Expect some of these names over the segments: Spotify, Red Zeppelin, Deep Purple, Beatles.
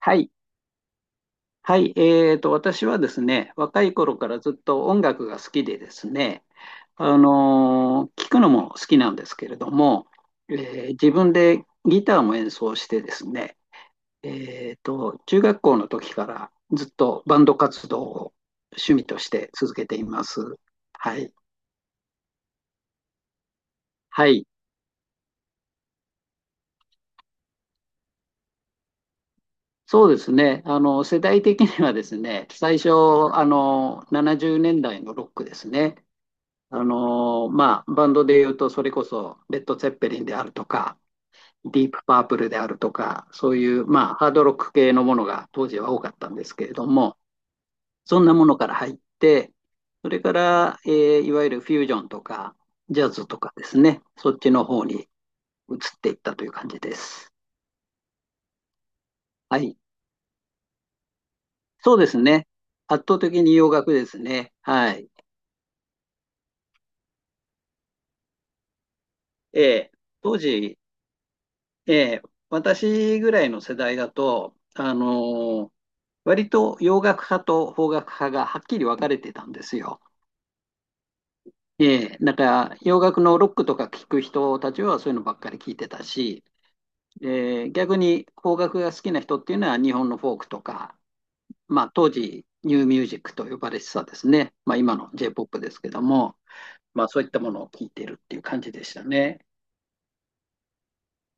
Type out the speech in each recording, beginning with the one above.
はい。はい。私はですね、若い頃からずっと音楽が好きでですね、聞くのも好きなんですけれども、自分でギターも演奏してですね、中学校の時からずっとバンド活動を趣味として続けています。はい。はい。そうですね。世代的にはですね、最初、70年代のロックですね。まあ、バンドで言うと、それこそ、レッド・ツェッペリンであるとか、ディープ・パープルであるとか、そういう、まあ、ハードロック系のものが当時は多かったんですけれども、そんなものから入って、それから、いわゆるフュージョンとか、ジャズとかですね、そっちの方に移っていったという感じです。はい。そうですね。圧倒的に洋楽ですね。はい。ええ、当時、ええ、私ぐらいの世代だと、割と洋楽派と邦楽派がはっきり分かれてたんですよ。だから洋楽のロックとか聴く人たちはそういうのばっかり聴いてたし、逆に邦楽が好きな人っていうのは日本のフォークとか、まあ、当時ニューミュージックと呼ばれてたですね、まあ、今の J-POP ですけども、まあ、そういったものを聴いてるっていう感じでしたね。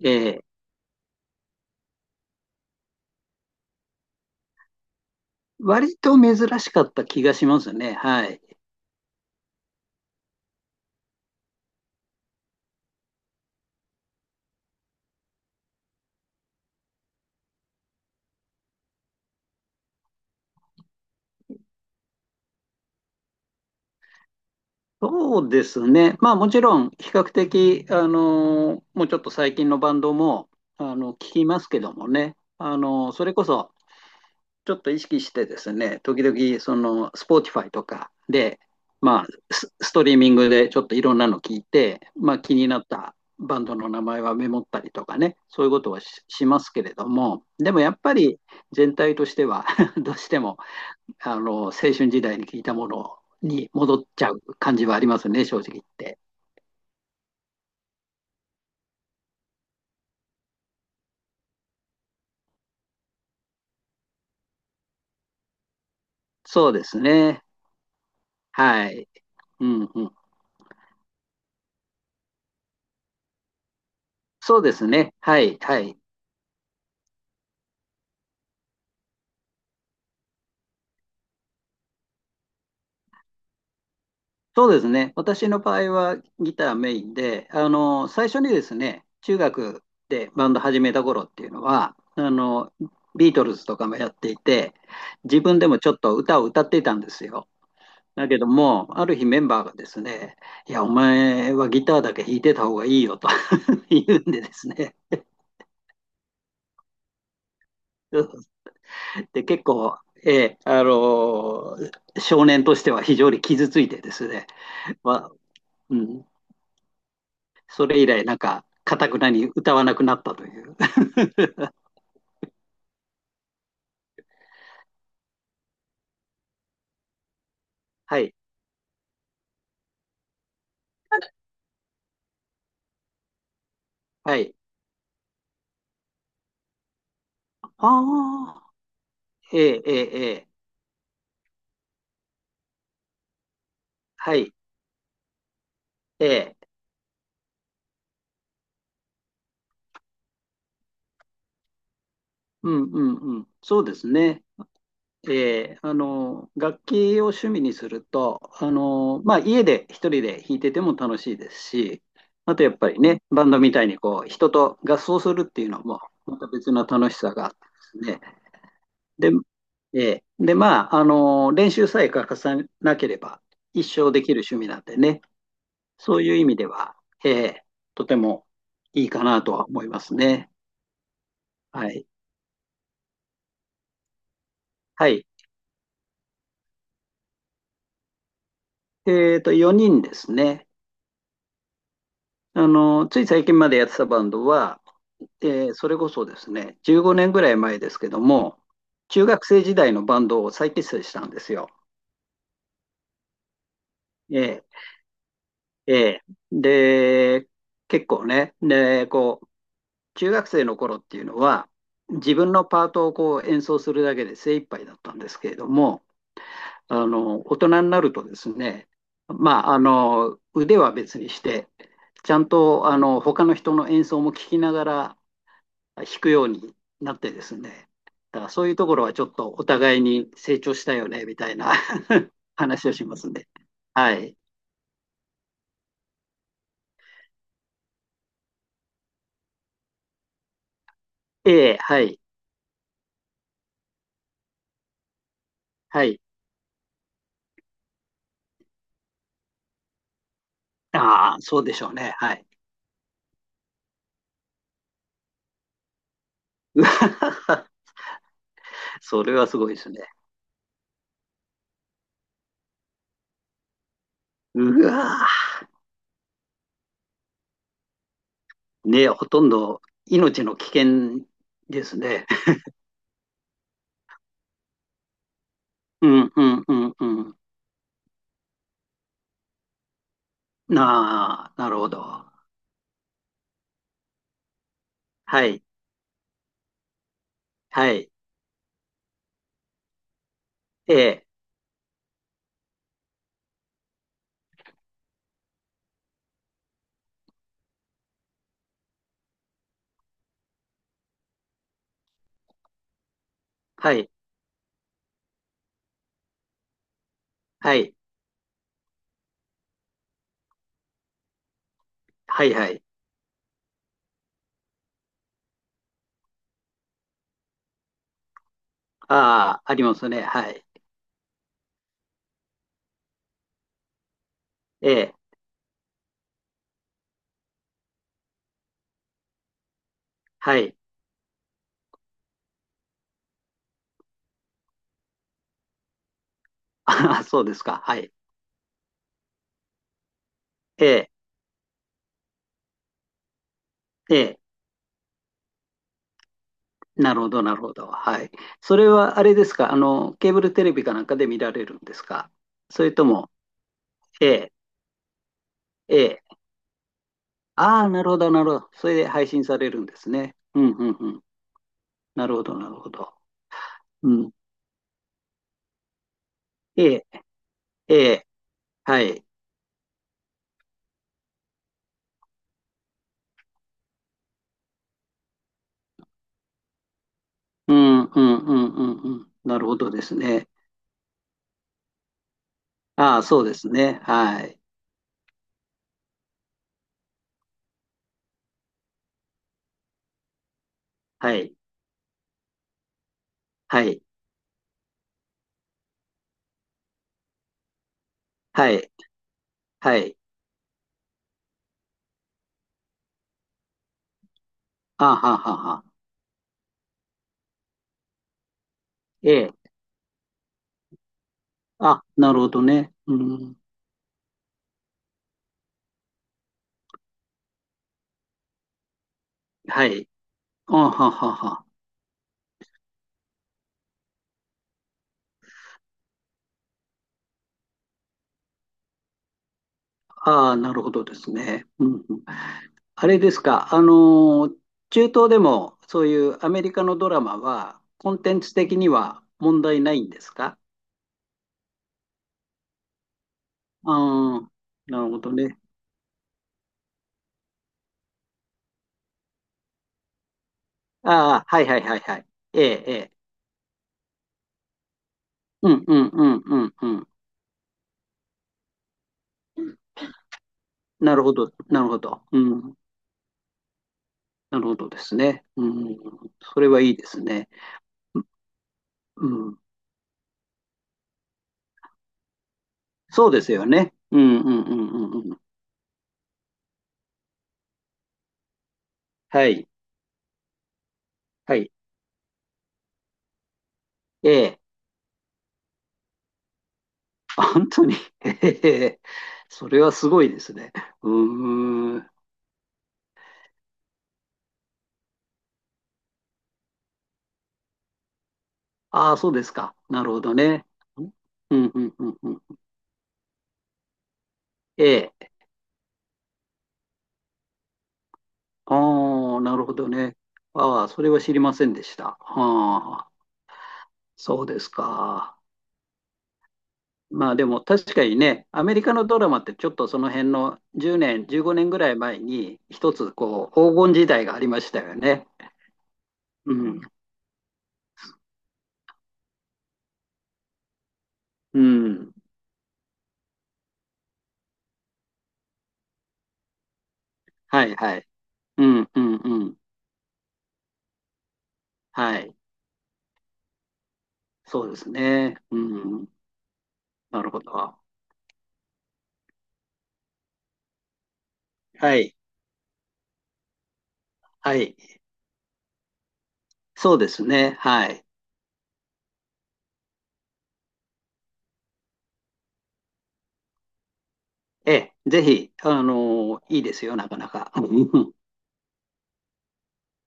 えー割と珍しかった気がしますね。はい。そうですね。まあもちろん比較的、もうちょっと最近のバンドも、聞きますけどもね。それこそちょっと意識してですね、時々その、Spotify とかで、まあストリーミングでちょっといろんなの聞いて、まあ気になったバンドの名前はメモったりとかね、そういうことはしますけれども、でもやっぱり全体としては どうしても青春時代に聞いたものに戻っちゃう感じはありますね、正直言って。そうですね。はい。うんうん。そうですね。はい、はい。そうですね。私の場合はギターメインで、最初にですね、中学でバンド始めた頃っていうのは、ビートルズとかもやっていて、自分でもちょっと歌を歌っていたんですよ。だけども、ある日メンバーがですね、いや、お前はギターだけ弾いてた方がいいよと 言うんでですね、で結構、えーあのー少年としては非常に傷ついてですね、まあ、うん、それ以来、なんか、かたくなに歌わなくなったという。はい、はい。ああ、ええええええ、はい、ええ、うんうんうん、そうですね。で、楽器を趣味にすると、まあ、家で一人で弾いてても楽しいですし、あとやっぱりね、バンドみたいにこう、人と合奏するっていうのも、また別の楽しさがあってですね。で、まあ、練習さえ欠かさなければ、一生できる趣味なんでね、そういう意味では、えーとてもいいかなとは思いますね。はい。はい。4人ですね。つい最近までやってたバンドは、それこそですね、15年ぐらい前ですけども、中学生時代のバンドを再結成したんですよ。ええ、ええ。で、結構ね、で、こう、中学生の頃っていうのは、自分のパートをこう演奏するだけで精一杯だったんですけれども、大人になるとですね、まあ、腕は別にして、ちゃんと、他の人の演奏も聞きながら、引くようになってですね、だからそういうところはちょっとお互いに成長したよねみたいな 話をしますね。はい。ええ、はい、はい。ああ、そうでしょうね。はい。うわー、それはすごいですね。うわーね、ほとんど命の危険ですね。うんうんうんうん。なあ、なるほど。はい、はい、ええ、はい、はい、はい、はい。ああ、ありますね。はい、ええ、はい。ああ、そうですか。はい。ええ、ええ。なるほど、なるほど。はい。それは、あれですか。ケーブルテレビかなんかで見られるんですか。それとも、ええ、ええ。ああ、なるほど、なるほど。それで配信されるんですね。うん、うん、うん。なるほど、なるほど。うん。ええ、ええ。はい。うん、うん、うん、うん、うん。なるほどですね。ああ、そうですね。はい。はい。はい。はい。はい。ああ、はあはあはあ。ええ。あ、なるほどね。うん。はい。あははは。ああ、なるほどですね。うんうん、あれですか、中東でもそういうアメリカのドラマは、コンテンツ的には問題ないんですか？ああ、なるほどね。ああ、はいはいはいはい。ええ、ええ。うんうんうんうんうん。なるほど、なるほど。うん、なるほどですね。うん、それはいいですね。うん、そうですよね。うんうんうんうんうん。はい、はい。ええ。本当に、へへへ、それはすごいですね。うーん。ああ、そうですか。なるほどね。うん、うん、うん、うん。ええ。ああ、なるほどね。ああ、それは知りませんでした。ああ、そうですか。まあでも確かにね、アメリカのドラマってちょっとその辺の10年、15年ぐらい前に一つこう黄金時代がありましたよね。うん、うん。はいはい。うん、うん、うん。はい。そうですね。うん。なるほど。はい。はい。そうですね。はい。ええ、ぜひ、いいですよ、なかなか。